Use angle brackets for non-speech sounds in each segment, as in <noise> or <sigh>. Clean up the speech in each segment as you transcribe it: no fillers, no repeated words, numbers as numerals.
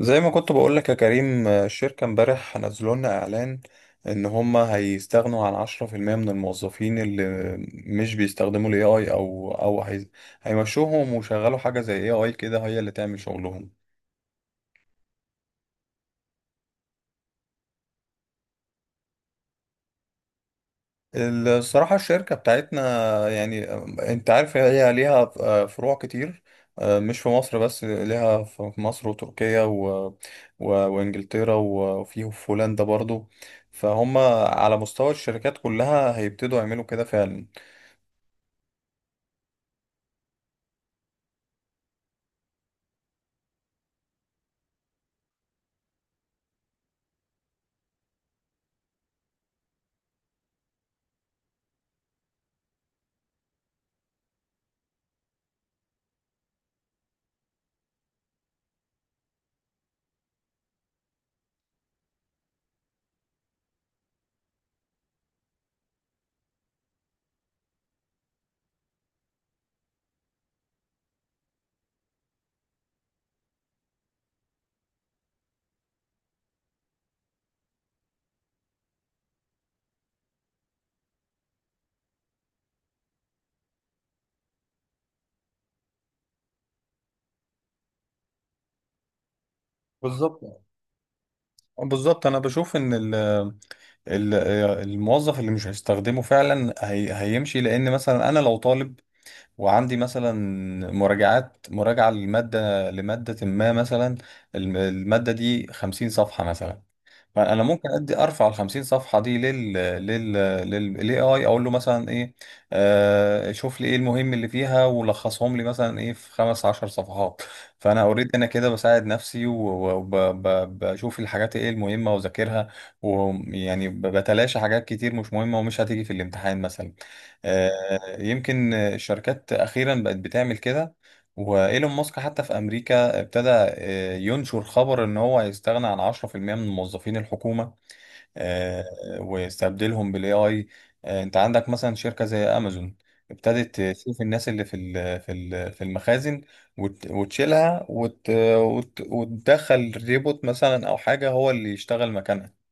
زي ما كنت بقول لك يا كريم الشركة امبارح نزلوا لنا إعلان إن هما هيستغنوا عن 10% من الموظفين اللي مش بيستخدموا ال AI أو هيمشوهم ويشغلوا حاجة زي AI كده هي اللي تعمل شغلهم. الصراحة الشركة بتاعتنا يعني انت عارف هي ليها فروع كتير، مش في مصر بس، ليها في مصر وتركيا و وانجلترا وفيه في هولندا برضو، فهم على مستوى الشركات كلها هيبتدوا يعملوا كده فعلا. بالظبط، بالظبط انا بشوف ان ال- الموظف اللي مش هيستخدمه فعلا هي هيمشي، لان مثلا انا لو طالب وعندي مثلا مراجعة لمادة ما مثلا، المادة دي 50 صفحة مثلا، فانا ممكن ارفع ال 50 صفحه دي لل لل لل للاي اي، اقول له مثلا ايه، آه شوف لي ايه المهم اللي فيها ولخصهم لي مثلا ايه في 15 صفحة. فانا اوريدي انا كده بساعد نفسي وبشوف الحاجات ايه المهمه واذاكرها، ويعني بتلاشى حاجات كتير مش مهمه ومش هتيجي في الامتحان مثلا. آه، يمكن الشركات اخيرا بقت بتعمل كده، وايلون ماسك حتى في امريكا ابتدى ينشر خبر ان هو هيستغنى عن 10% من موظفين الحكومة. آه، ويستبدلهم بالاي اي. انت عندك مثلا شركة زي امازون ابتدت تشوف الناس اللي في المخازن وتشيلها وتدخل ريبوت مثلا او حاجة هو اللي يشتغل مكانها.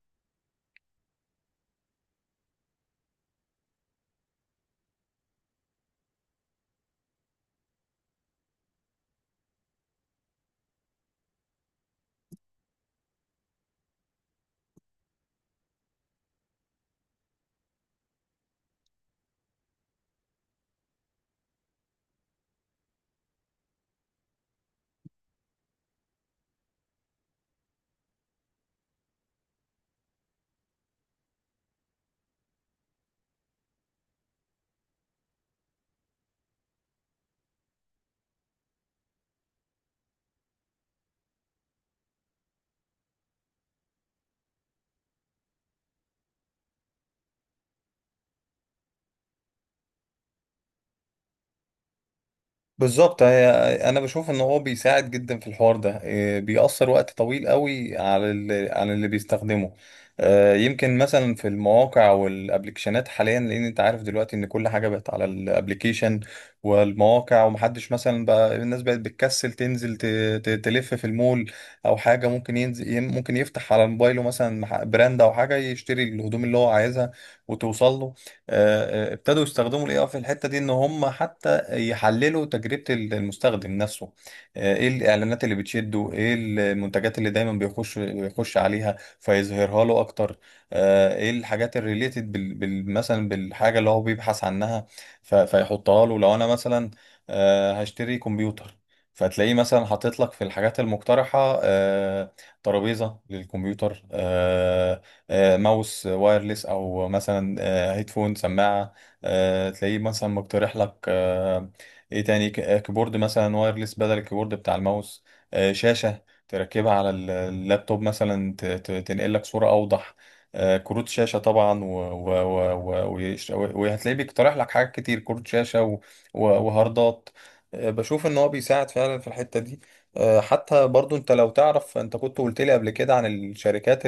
بالظبط، هي انا بشوف ان هو بيساعد جدا في الحوار ده، بيأثر وقت طويل قوي على اللي بيستخدمه. يمكن مثلا في المواقع والابلكيشنات حاليا، لان انت عارف دلوقتي ان كل حاجه بقت على الابلكيشن والمواقع، ومحدش مثلا، بقى الناس بقت بتكسل تنزل تلف في المول او حاجه، ممكن ينزل ممكن يفتح على موبايله مثلا براند او حاجه يشتري الهدوم اللي هو عايزها وتوصل له. ابتدوا يستخدموا الاي اي في الحته دي ان هم حتى يحللوا تجربة المستخدم نفسه. ايه الاعلانات اللي بتشده، ايه المنتجات اللي دايما بيخش عليها فيظهرها له اكتر. ايه الحاجات الريليتد مثلا بالحاجة اللي هو بيبحث عنها، فيحطها له. لو انا مثلا هشتري كمبيوتر، فتلاقيه مثلا حاطط لك في الحاجات المقترحة ترابيزة للكمبيوتر، ماوس وايرلس، او مثلا هيدفون سماعة، تلاقيه مثلا مقترح لك ايه تاني، كيبورد مثلا وايرلس بدل الكيبورد بتاع الماوس، شاشة تركبها على اللابتوب مثلا تنقل لك صورة أوضح، كروت شاشة طبعا، و- وهتلاقيه بيقترح لك حاجات كتير، كروت شاشة و وهاردات بشوف ان هو بيساعد فعلا في الحتة دي. حتى برضو انت لو تعرف، انت كنت قلت لي قبل كده عن الشركات،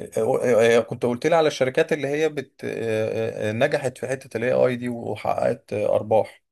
كنت قلت لي على الشركات اللي هي بت آه، آه، آه، نجحت في حتة الاي اي دي وحققت ارباح.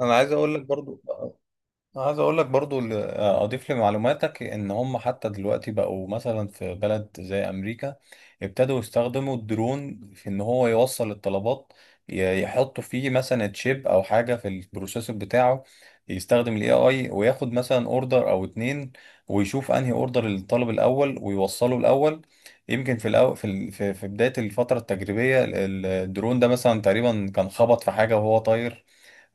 انا عايز اقول لك برضو، عايز اقول لك برضو اضيف لمعلوماتك ان هم حتى دلوقتي بقوا مثلا في بلد زي امريكا ابتدوا يستخدموا الدرون في ان هو يوصل الطلبات. يحطوا فيه مثلا تشيب او حاجه في البروسيسور بتاعه، يستخدم الاي اي وياخد مثلا اوردر او 2، ويشوف انهي اوردر للطالب الاول ويوصله الاول. يمكن في في بدايه الفتره التجريبيه الدرون ده مثلا تقريبا كان خبط في حاجه وهو طاير،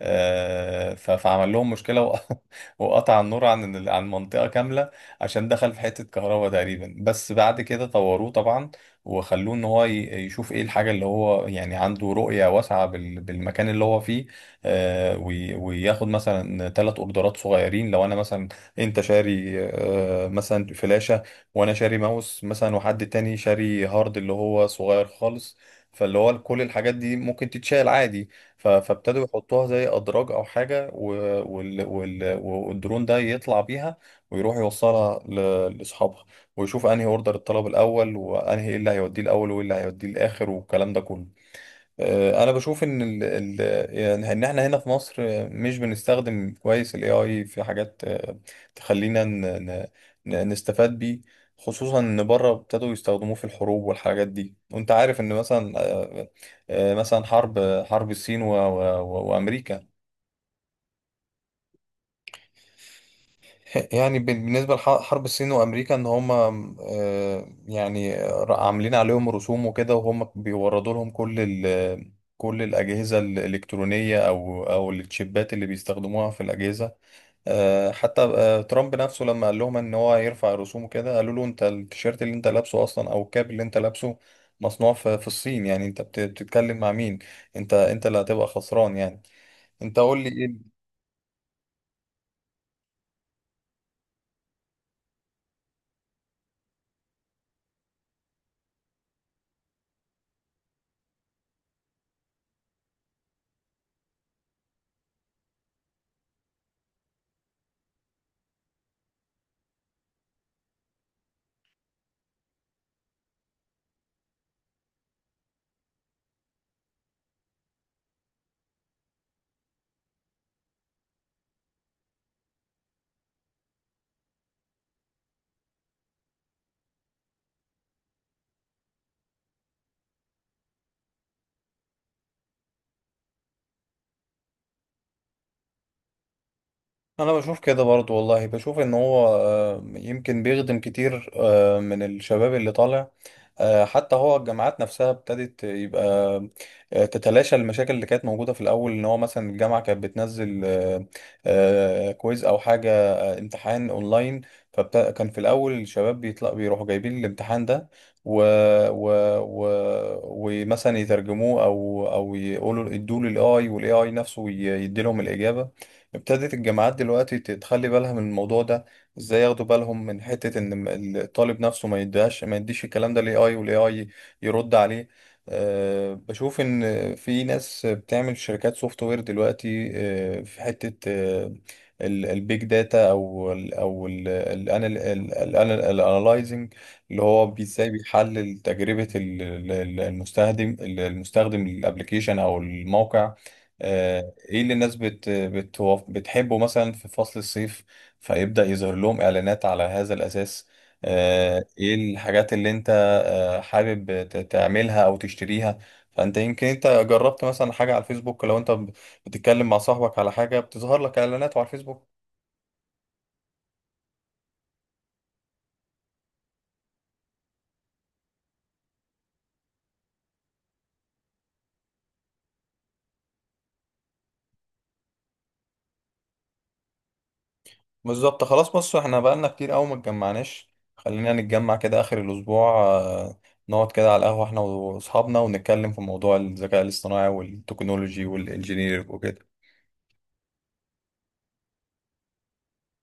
فعمل لهم مشكلة <laughs> وقطع النور عن عن منطقة كاملة عشان دخل في حتة كهرباء تقريبا. بس بعد كده طوروه طبعا، وخلوه ان هو يشوف ايه الحاجة اللي هو يعني عنده رؤية واسعة بالمكان اللي هو فيه. وياخد مثلا 3 اوردرات صغيرين، لو انا مثلا، انت شاري مثلا فلاشة وانا شاري ماوس مثلا وحد تاني شاري هارد اللي هو صغير خالص، فاللي هو كل الحاجات دي ممكن تتشال عادي. فابتدوا يحطوها زي أدراج أو حاجة، والدرون ده يطلع بيها ويروح يوصلها لأصحابها، ويشوف أنهي أوردر الطلب الأول وأنهي إيه اللي هيوديه الأول وإيه اللي هيوديه الآخر والكلام ده كله. انا بشوف ان ال ال يعني ان احنا هنا في مصر مش بنستخدم كويس الاي اي في حاجات تخلينا نستفاد بيه، خصوصا ان بره ابتدوا يستخدموه في الحروب والحاجات دي. وانت عارف ان مثلا مثلا حرب الصين و وامريكا بالنسبة لحرب الصين وأمريكا، إن هما م، آه، يعني ر- عاملين عليهم رسوم وكده وهم بيوردوا لهم كل الأجهزة الإلكترونية أو التشيبات اللي بيستخدموها في الأجهزة. آه، حتى آه، ترامب نفسه لما قال لهم إن هو يرفع الرسوم وكده، قالوا له أنت التيشيرت اللي أنت لابسه أصلا، أو الكاب اللي أنت لابسه، مصنوع في الصين، يعني أنت بتتكلم مع مين؟ أنت اللي هتبقى خسران يعني، أنت قول لي إيه. انا بشوف كده برضو والله، بشوف ان هو يمكن بيخدم كتير من الشباب اللي طالع. حتى هو الجامعات نفسها ابتدت يبقى تتلاشى المشاكل اللي كانت موجودة في الاول. ان هو مثلا الجامعة كانت بتنزل كويز او حاجة امتحان اونلاين، فكان في الاول الشباب بيطلع بيروحوا جايبين الامتحان ده و... و... و... ومثلا يترجموه او يقولوا ادوه للاي، والاي اي نفسه يدي لهم الاجابة. ابتدت الجامعات دلوقتي تخلي بالها من الموضوع ده، ازاي ياخدوا بالهم من حتة ان الطالب نفسه ما يديهاش، ما يديش الكلام ده للاي اي والاي اي يرد عليه. أه بشوف ان في ناس بتعمل شركات سوفت وير دلوقتي، أه في حتة أه البيج داتا او الانالايزنج، اللي هو ازاي بيحلل تجربة المستخدم، المستخدم الابلكيشن او الموقع. آه، ايه اللي الناس بتحبه مثلا في فصل الصيف، فيبدأ يظهر لهم اعلانات على هذا الاساس. ايه الحاجات اللي انت حابب تعملها او تشتريها، فانت يمكن انت جربت مثلا حاجة على الفيسبوك، لو انت بتتكلم مع صاحبك على حاجة بتظهر لك اعلانات على الفيسبوك. بالظبط. خلاص بص، احنا بقالنا كتير قوي ما اتجمعناش، خلينا نتجمع كده اخر الاسبوع، نقعد كده على القهوة احنا واصحابنا ونتكلم في موضوع الذكاء الاصطناعي والتكنولوجي والانجينير وكده.